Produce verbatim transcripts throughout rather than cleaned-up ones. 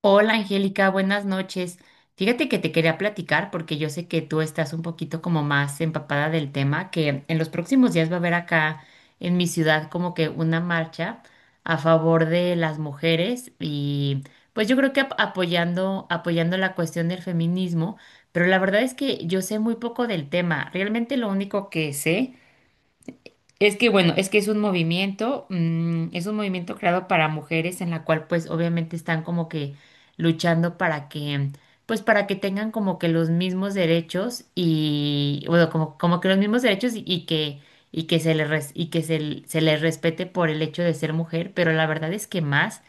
Hola Angélica, buenas noches. Fíjate que te quería platicar porque yo sé que tú estás un poquito como más empapada del tema, que en los próximos días va a haber acá en mi ciudad como que una marcha a favor de las mujeres y pues yo creo que ap- apoyando, apoyando la cuestión del feminismo, pero la verdad es que yo sé muy poco del tema. Realmente lo único que sé es que bueno, es que es un movimiento, mm, es un movimiento creado para mujeres en la cual pues obviamente están como que luchando para que, pues para que tengan como que los mismos derechos y, bueno, como, como que los mismos derechos y, y que, y que se les, res- y que se, se les respete por el hecho de ser mujer, pero la verdad es que más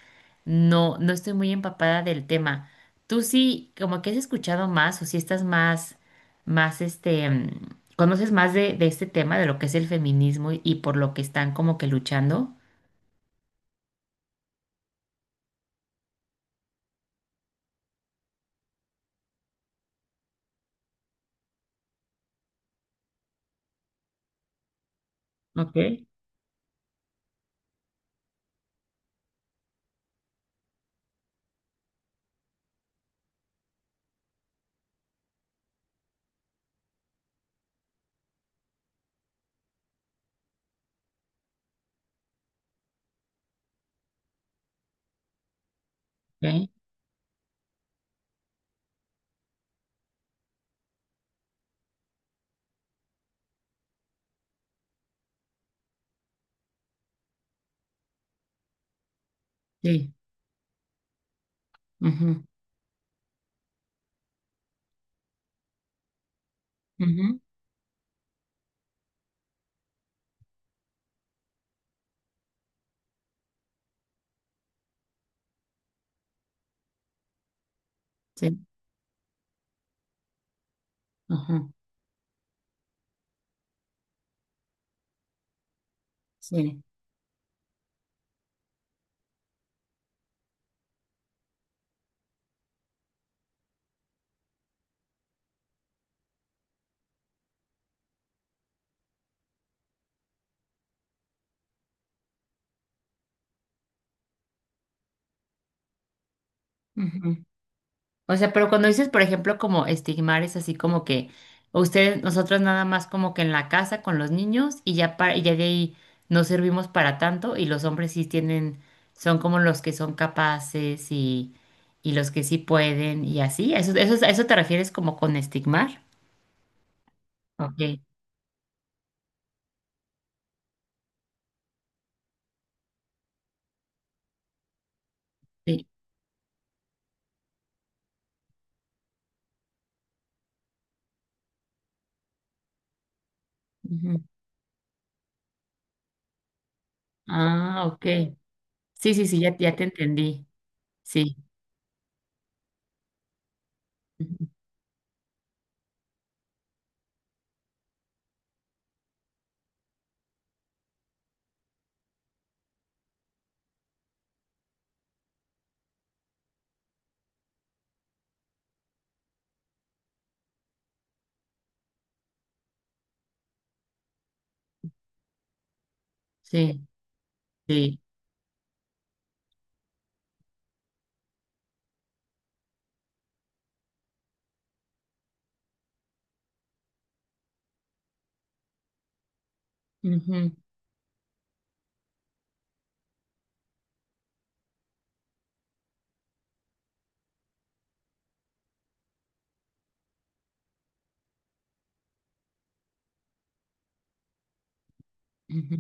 no, no estoy muy empapada del tema. ¿Tú sí, como que has escuchado más, o si estás más, más este, mm, conoces más de, de este tema, de lo que es el feminismo, y, y por lo que están como que luchando? Ok, ok. Sí. Ujú. Ujú. Sí. Ujú. Sí. Ujú. O sea, pero cuando dices, por ejemplo, como estigmar, es así como que ustedes, nosotros nada más como que en la casa con los niños y ya, para, y ya de ahí no servimos para tanto, y los hombres sí tienen, son como los que son capaces y, y los que sí pueden y así. ¿A ¿Eso, eso, a eso te refieres como con estigmar? Ok. Sí. Ujú. Ah, ok. Sí, sí, sí, ya, ya te entendí. Sí. Ujú. Sí, sí. Ujú. Ujú.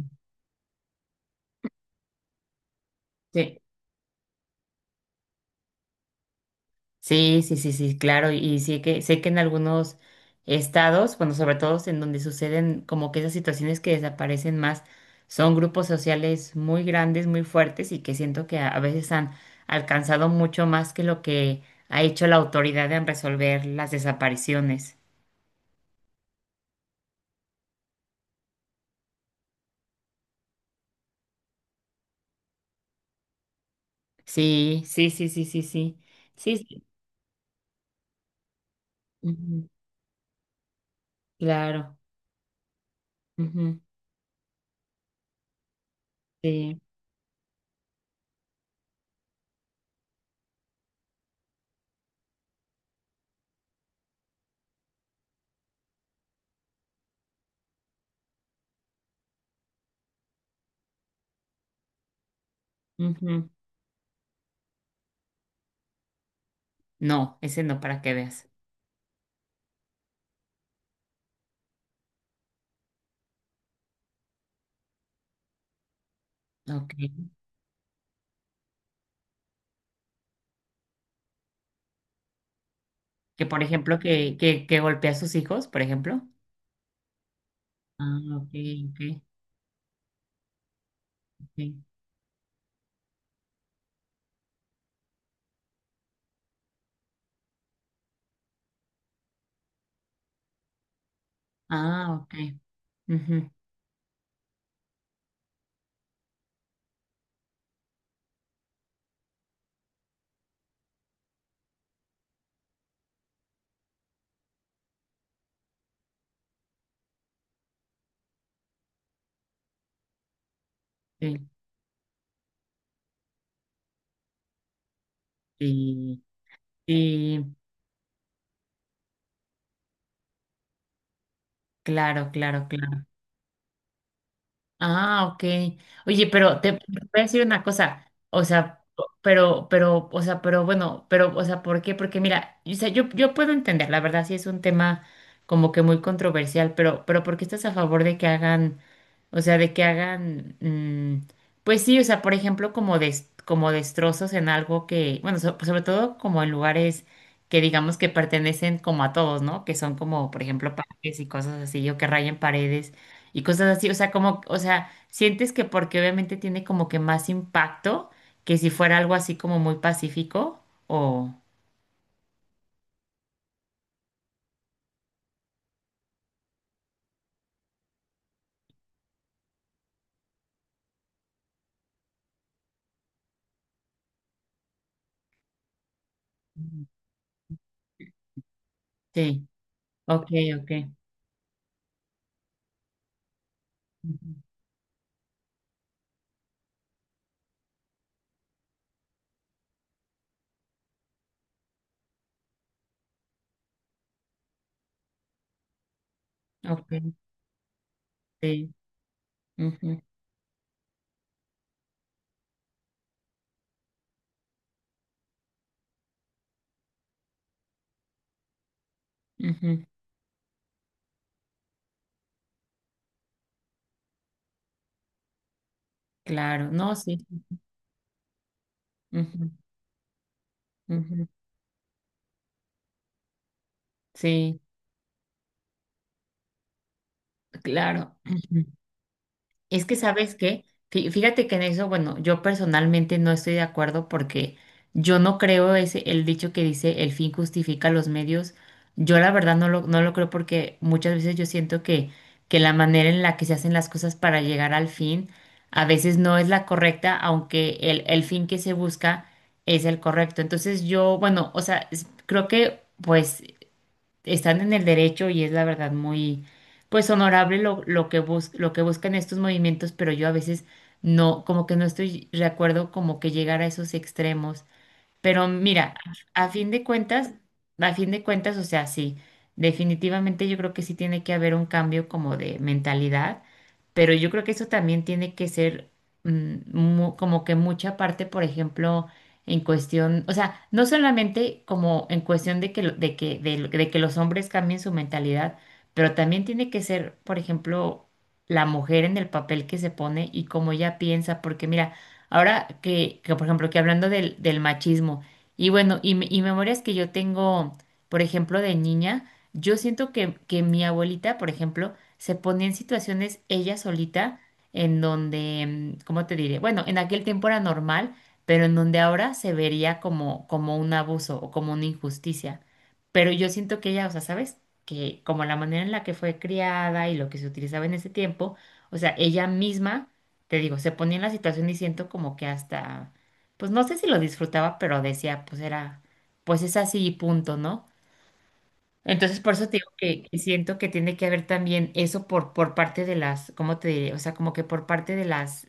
Sí, sí, sí, sí, sí, claro. Y sí que sé que en algunos estados, bueno, sobre todo en donde suceden como que esas situaciones que desaparecen más, son grupos sociales muy grandes, muy fuertes, y que siento que a, a veces han alcanzado mucho más que lo que ha hecho la autoridad en resolver las desapariciones. Sí, sí, sí, sí, sí, sí. Sí, sí. Ujú. Claro. Ujú. Sí. Ujú. No, ese no, para que veas. Ok. Que por ejemplo, que, que, que golpea a sus hijos, por ejemplo. Ah, ok, ok, ok. Ah, ok. Ujú. Sí, sí, sí, claro, claro, claro. Ah, ok. Oye, pero te te voy a decir una cosa, o sea, pero, pero, o sea, pero bueno, pero, o sea, ¿por qué? Porque mira, o sea, yo, yo puedo entender, la verdad, sí es un tema como que muy controversial, pero, pero ¿por qué estás a favor de que hagan? O sea, de que hagan, mm, pues sí, o sea, por ejemplo, como des- como destrozos en algo que, bueno, so- sobre todo como en lugares que digamos que pertenecen como a todos, ¿no? Que son como, por ejemplo, parques y cosas así, o que rayen paredes y cosas así. O sea, como, o sea, sientes que porque obviamente tiene como que más impacto que si fuera algo así como muy pacífico o... Ujú. Sí, ok, ok. Ujú. Ok, sí. Ujú, ujú. Claro, no, sí. Ujú. Ujú. Sí, claro. Ujú. Es que, ¿sabes qué? Fí- Fíjate que en eso, bueno, yo personalmente no estoy de acuerdo porque yo no creo ese, el dicho que dice: el fin justifica los medios. Yo la verdad no lo, no lo creo, porque muchas veces yo siento que, que la manera en la que se hacen las cosas para llegar al fin a veces no es la correcta, aunque el, el fin que se busca es el correcto. Entonces yo, bueno, o sea, es- creo que pues están en el derecho, y es la verdad muy, pues honorable lo, lo que bus- lo que buscan estos movimientos, pero yo a veces no, como que no estoy de acuerdo como que llegar a esos extremos. Pero mira, a fin de cuentas, a fin de cuentas, o sea, sí, definitivamente yo creo que sí tiene que haber un cambio como de mentalidad, pero yo creo que eso también tiene que ser mm, mu- como que mucha parte, por ejemplo, en cuestión, o sea, no solamente como en cuestión de que, lo- de que, de, lo- de que los hombres cambien su mentalidad, pero también tiene que ser, por ejemplo, la mujer en el papel que se pone y cómo ella piensa, porque mira, ahora que, que, por ejemplo, que hablando del, del machismo, y bueno, y, me- y memorias que yo tengo, por ejemplo, de niña, yo siento que, que mi abuelita, por ejemplo, se ponía en situaciones ella solita, en donde, mm, ¿cómo te diré? Bueno, en aquel tiempo era normal, pero en donde ahora se vería como, como un abuso o como una injusticia. Pero yo siento que ella, o sea, ¿sabes? Que como la manera en la que fue criada y lo que se utilizaba en ese tiempo, o sea, ella misma, te digo, se ponía en la situación, y siento como que hasta, pues no sé si lo disfrutaba, pero decía, pues era, pues es así y punto, ¿no? Entonces, por eso te digo que, que siento que tiene que haber también eso por, por parte de las, ¿cómo te diré? O sea, como que por parte de las,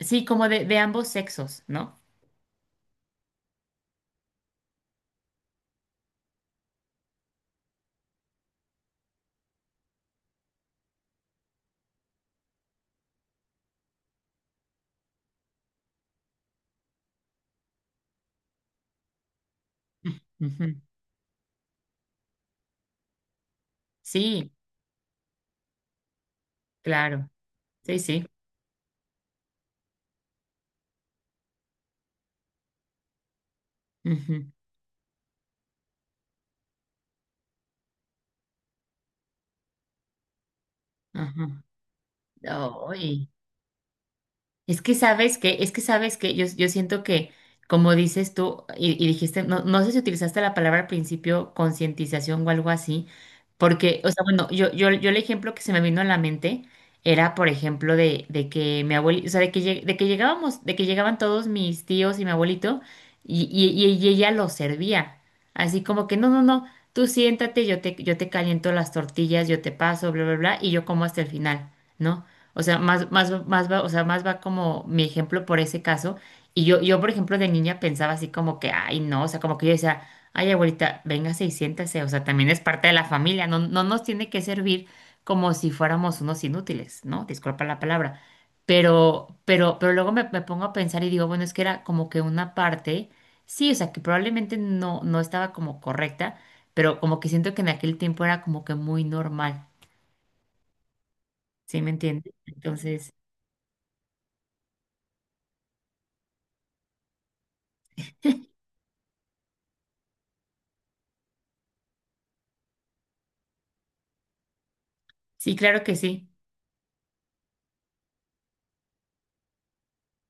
sí, como de, de ambos sexos, ¿no? Ujú. Sí, claro, sí, sí. Ujú. Ajá. Ay, Es que sabes que, es que sabes que yo, yo siento que, como dices tú, y, y dijiste, no, no sé si utilizaste la palabra al principio, concientización o algo así, porque, o sea, bueno, yo, yo, yo el ejemplo que se me vino a la mente era, por ejemplo, de, de que mi abuelito, o sea, de que, lleg- de que llegábamos, de que llegaban todos mis tíos y mi abuelito, y, y, y- y ella los servía. Así como que, no, no, no, tú siéntate, yo te, yo te caliento las tortillas, yo te paso, bla, bla, bla, y yo como hasta el final, ¿no? O sea, más, más, más va, o sea, más va como mi ejemplo por ese caso. Y yo, yo, por ejemplo, de niña pensaba así como que, ay, no, o sea, como que yo decía: ay, abuelita, véngase y siéntese, o sea, también es parte de la familia, no, no nos tiene que servir como si fuéramos unos inútiles, ¿no? Disculpa la palabra. Pero, pero, pero luego me, me pongo a pensar y digo, bueno, es que era como que una parte, sí, o sea, que probablemente no, no estaba como correcta, pero como que siento que en aquel tiempo era como que muy normal, ¿sí me entiendes? Entonces... Sí, claro que sí.